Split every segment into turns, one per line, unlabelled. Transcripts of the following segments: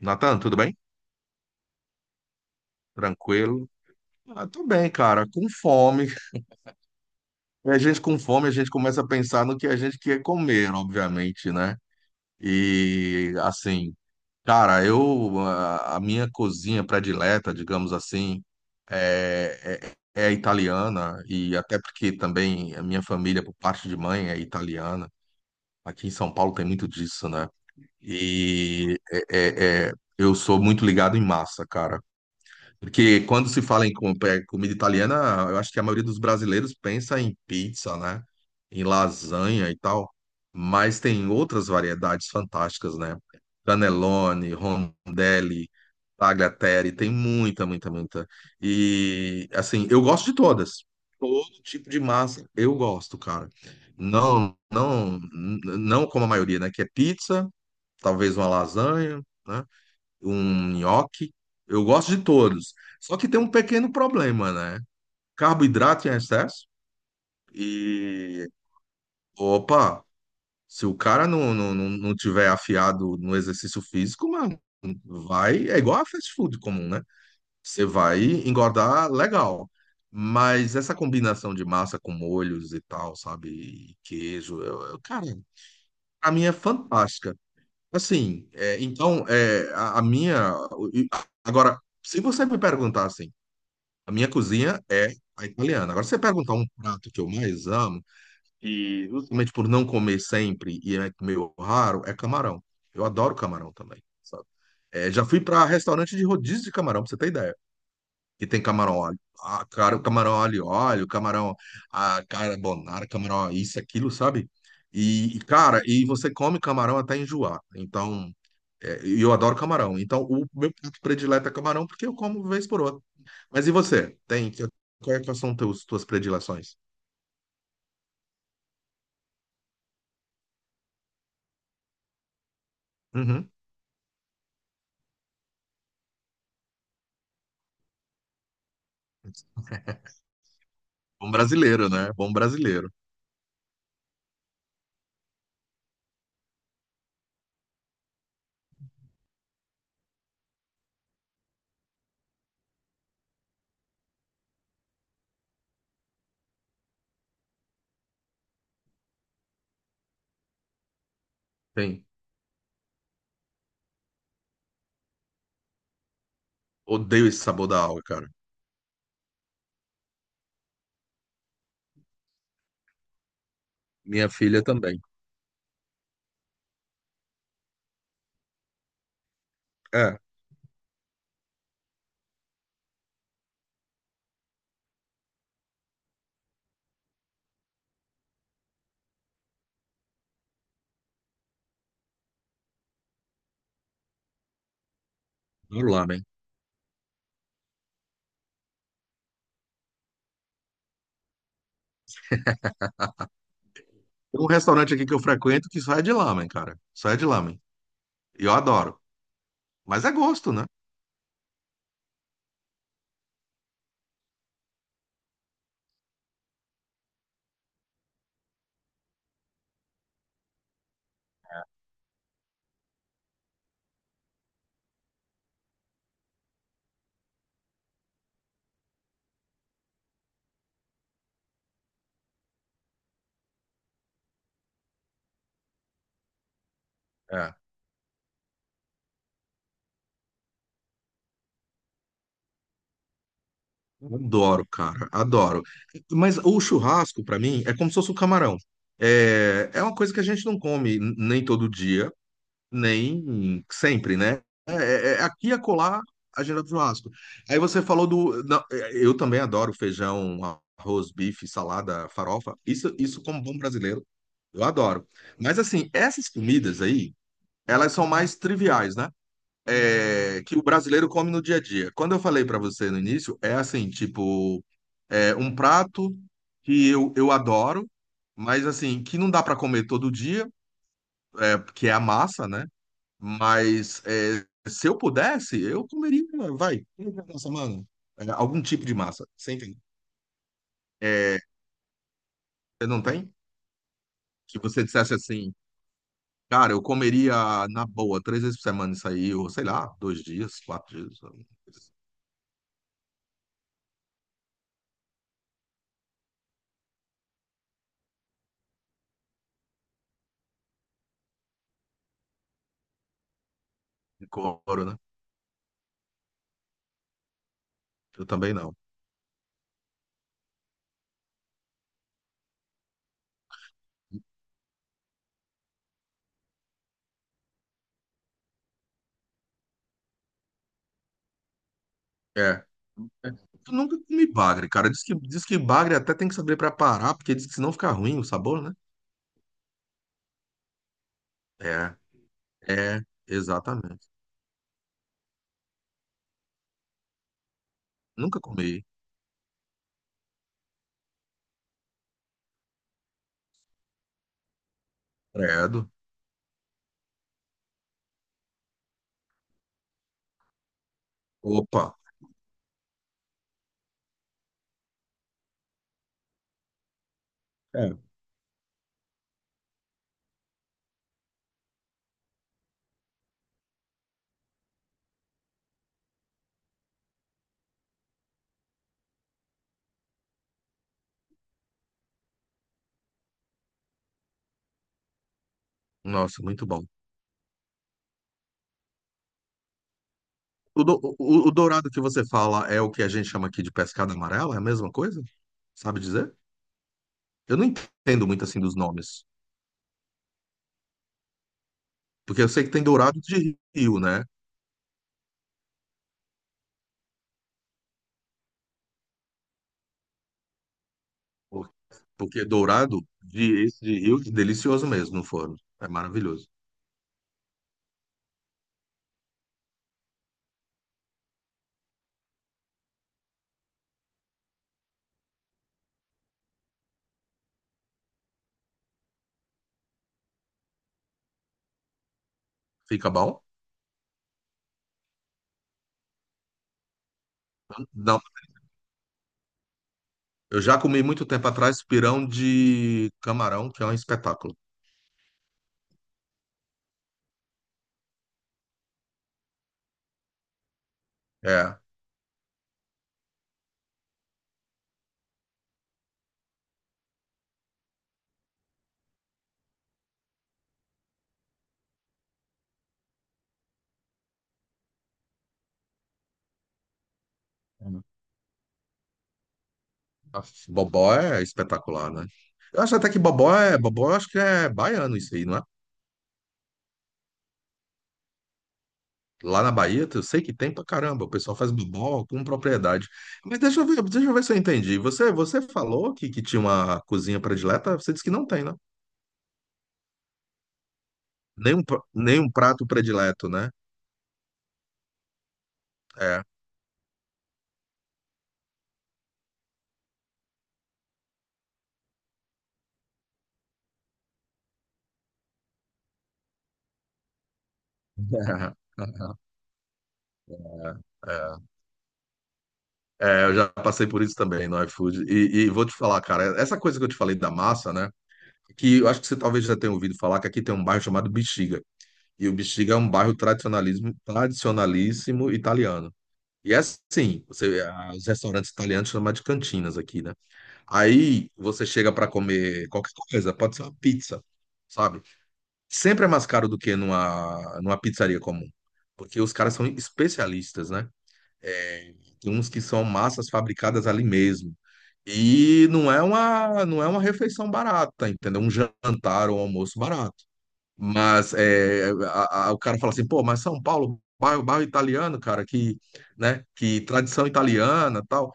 Natan, tudo bem? Tranquilo? Ah, tô bem, cara. Com fome. E a gente com fome, a gente começa a pensar no que a gente quer comer, obviamente, né? E assim, cara, eu a minha cozinha predileta, digamos assim, é, é italiana e até porque também a minha família, por parte de mãe, é italiana. Aqui em São Paulo tem muito disso, né? E eu sou muito ligado em massa, cara. Porque quando se fala em comida italiana, eu acho que a maioria dos brasileiros pensa em pizza, né? Em lasanha e tal. Mas tem outras variedades fantásticas, né? Cannelloni, rondelli, tagliatelle, tem muita. E, assim, eu gosto de todas. Todo tipo de massa eu gosto, cara. Não como a maioria, né? Que é pizza, talvez uma lasanha, né? Um nhoque. Eu gosto de todos. Só que tem um pequeno problema, né? Carboidrato em excesso. E, opa, se o cara não tiver afiado no exercício físico, mano, vai. É igual a fast food comum, né? Você vai engordar legal. Mas essa combinação de massa com molhos e tal, sabe? E queijo, cara, pra mim é fantástica. Assim, é, então, é, a minha. Agora, se você me perguntar assim, a minha cozinha é a italiana. Agora, se você perguntar um prato que eu mais amo, e justamente por não comer sempre e é meio raro, é camarão. Eu adoro camarão também, sabe? É, já fui para restaurante de rodízio de camarão, pra você ter ideia. Que tem camarão óleo. Ah, cara, o camarão alho e óleo, camarão carbonara, camarão isso, aquilo, sabe? E, cara, e você come camarão até enjoar. Então, é, e eu adoro camarão. Então, o meu prato predileto é camarão porque eu como vez por outra. Mas e você? Quais são teus, tuas predileções? Uhum. Bom brasileiro, né? Bom brasileiro. Tem. Odeio esse sabor da aula, cara. Minha filha também. É, adoro lamen. Tem um restaurante aqui que eu frequento que só é de lamen, cara. Só é de lamen. E eu adoro. Mas é gosto, né? É. Adoro, cara. Adoro. Mas o churrasco, pra mim, é como se fosse o camarão. É, é uma coisa que a gente não come nem todo dia. Nem sempre, né? É aqui e acolá a agenda do churrasco. Aí você falou do. Não, é, eu também adoro feijão, arroz, bife, salada, farofa. Isso como bom brasileiro, eu adoro. Mas assim, essas comidas aí, elas são mais triviais, né? É, que o brasileiro come no dia a dia. Quando eu falei pra você no início, é assim, tipo, é um prato que eu adoro, mas assim, que não dá pra comer todo dia, é, que é a massa, né? Mas é, se eu pudesse, eu comeria, vai, uma semana, é, algum tipo de massa, você entende? É, você não tem? Que você dissesse assim, cara, eu comeria na boa três vezes por semana isso aí, ou sei lá, dois dias, quatro dias, de couro, né? Eu também não. É. Eu nunca comi bagre, cara. Diz que bagre até tem que saber preparar, porque diz que senão fica ruim o sabor, né? É, é, exatamente. Nunca comi. Credo. Opa. É. Nossa, muito bom. O dourado que você fala é o que a gente chama aqui de pescada amarela? É a mesma coisa? Sabe dizer? Eu não entendo muito assim dos nomes. Porque eu sei que tem dourado de rio, né? Por- Porque dourado de, esse de rio é delicioso mesmo no forno. É maravilhoso. Fica bom? Não. Eu já comi muito tempo atrás pirão de camarão, que é um espetáculo. É. Aff, bobó é espetacular, né? Eu acho até que bobó é. Bobó, eu acho que é baiano isso aí, não é? Lá na Bahia, eu sei que tem pra caramba, o pessoal faz bobó com propriedade. Mas deixa eu ver se eu entendi. Você falou que tinha uma cozinha predileta, você disse que não tem, né? Nenhum, nenhum prato predileto, né? É. É, é, eu já passei por isso também no iFood. E vou te falar, cara, essa coisa que eu te falei da massa, né? Que eu acho que você talvez já tenha ouvido falar que aqui tem um bairro chamado Bixiga. E o Bixiga é um bairro tradicionalismo, tradicionalíssimo italiano. E é assim, os restaurantes italianos chamam de cantinas aqui, né? Aí você chega para comer qualquer coisa, pode ser uma pizza, sabe? Sempre é mais caro do que numa pizzaria comum, porque os caras são especialistas, né? É, tem uns que são massas fabricadas ali mesmo. E não é uma refeição barata, entendeu? Um jantar ou um almoço barato. Mas é, o cara fala assim, pô, mas São Paulo, bairro italiano, cara, que, né, que tradição italiana, tal,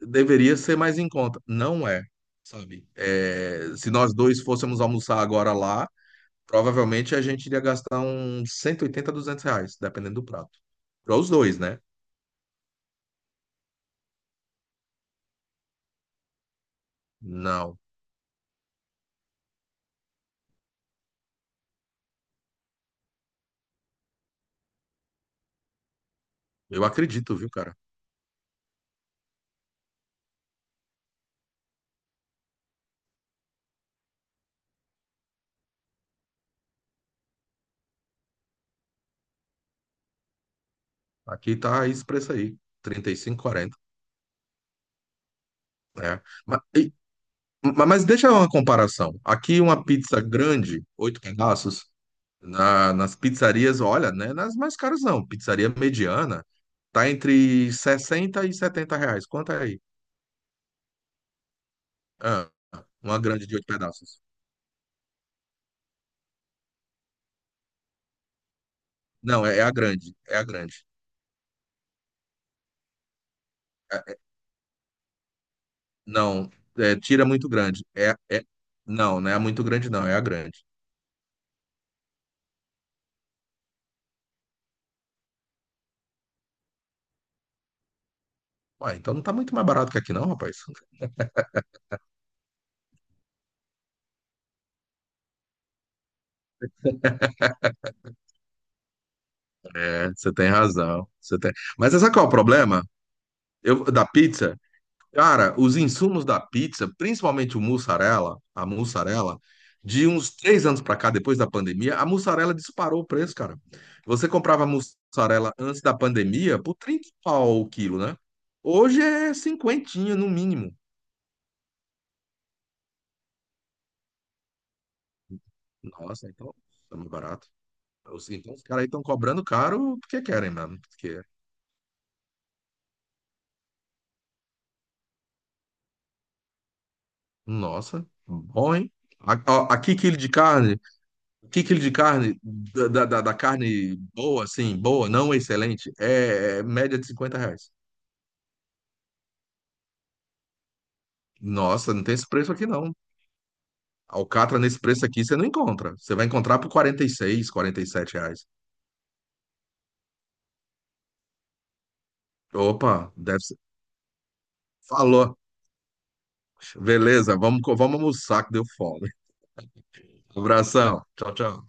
deveria ser mais em conta. Não é, sabe? É, se nós dois fôssemos almoçar agora lá, provavelmente a gente iria gastar uns 180, 200 reais, dependendo do prato. Para os dois, né? Não. Eu acredito, viu, cara? Aqui tá esse preço aí, 35, 40, né? Mas, mas deixa uma comparação. Aqui uma pizza grande, oito pedaços, nas pizzarias, olha, né? Nas mais caras não. Pizzaria mediana tá entre 60 e 70 reais. Quanto é aí? Ah, uma grande de oito pedaços. Não, é a grande. É a grande. É- não, é, Tira muito grande. Não, não é a muito grande, não. É a grande. Ué, então não tá muito mais barato que aqui, não, rapaz. É, você tem razão. Você tem... Mas sabe qual é o problema? Eu, da pizza? Cara, os insumos da pizza, principalmente o mussarela, a mussarela, de uns três anos para cá, depois da pandemia, a mussarela disparou o preço, cara. Você comprava mussarela antes da pandemia por 30 pau o quilo, né? Hoje é cinquentinha no mínimo. Nossa, então tá muito barato. Então os caras aí estão cobrando caro porque querem, mano. Porque, nossa, bom, hein? Aqui, quilo de carne que quilo de carne, da carne boa, assim, boa, não excelente, é média de 50 reais. Nossa, não tem esse preço aqui não. Alcatra nesse preço aqui você não encontra. Você vai encontrar por 40, 46, 47 reais. Opa, deve ser. Falou. Beleza, vamos almoçar que deu fome. Abração. Tchau, tchau.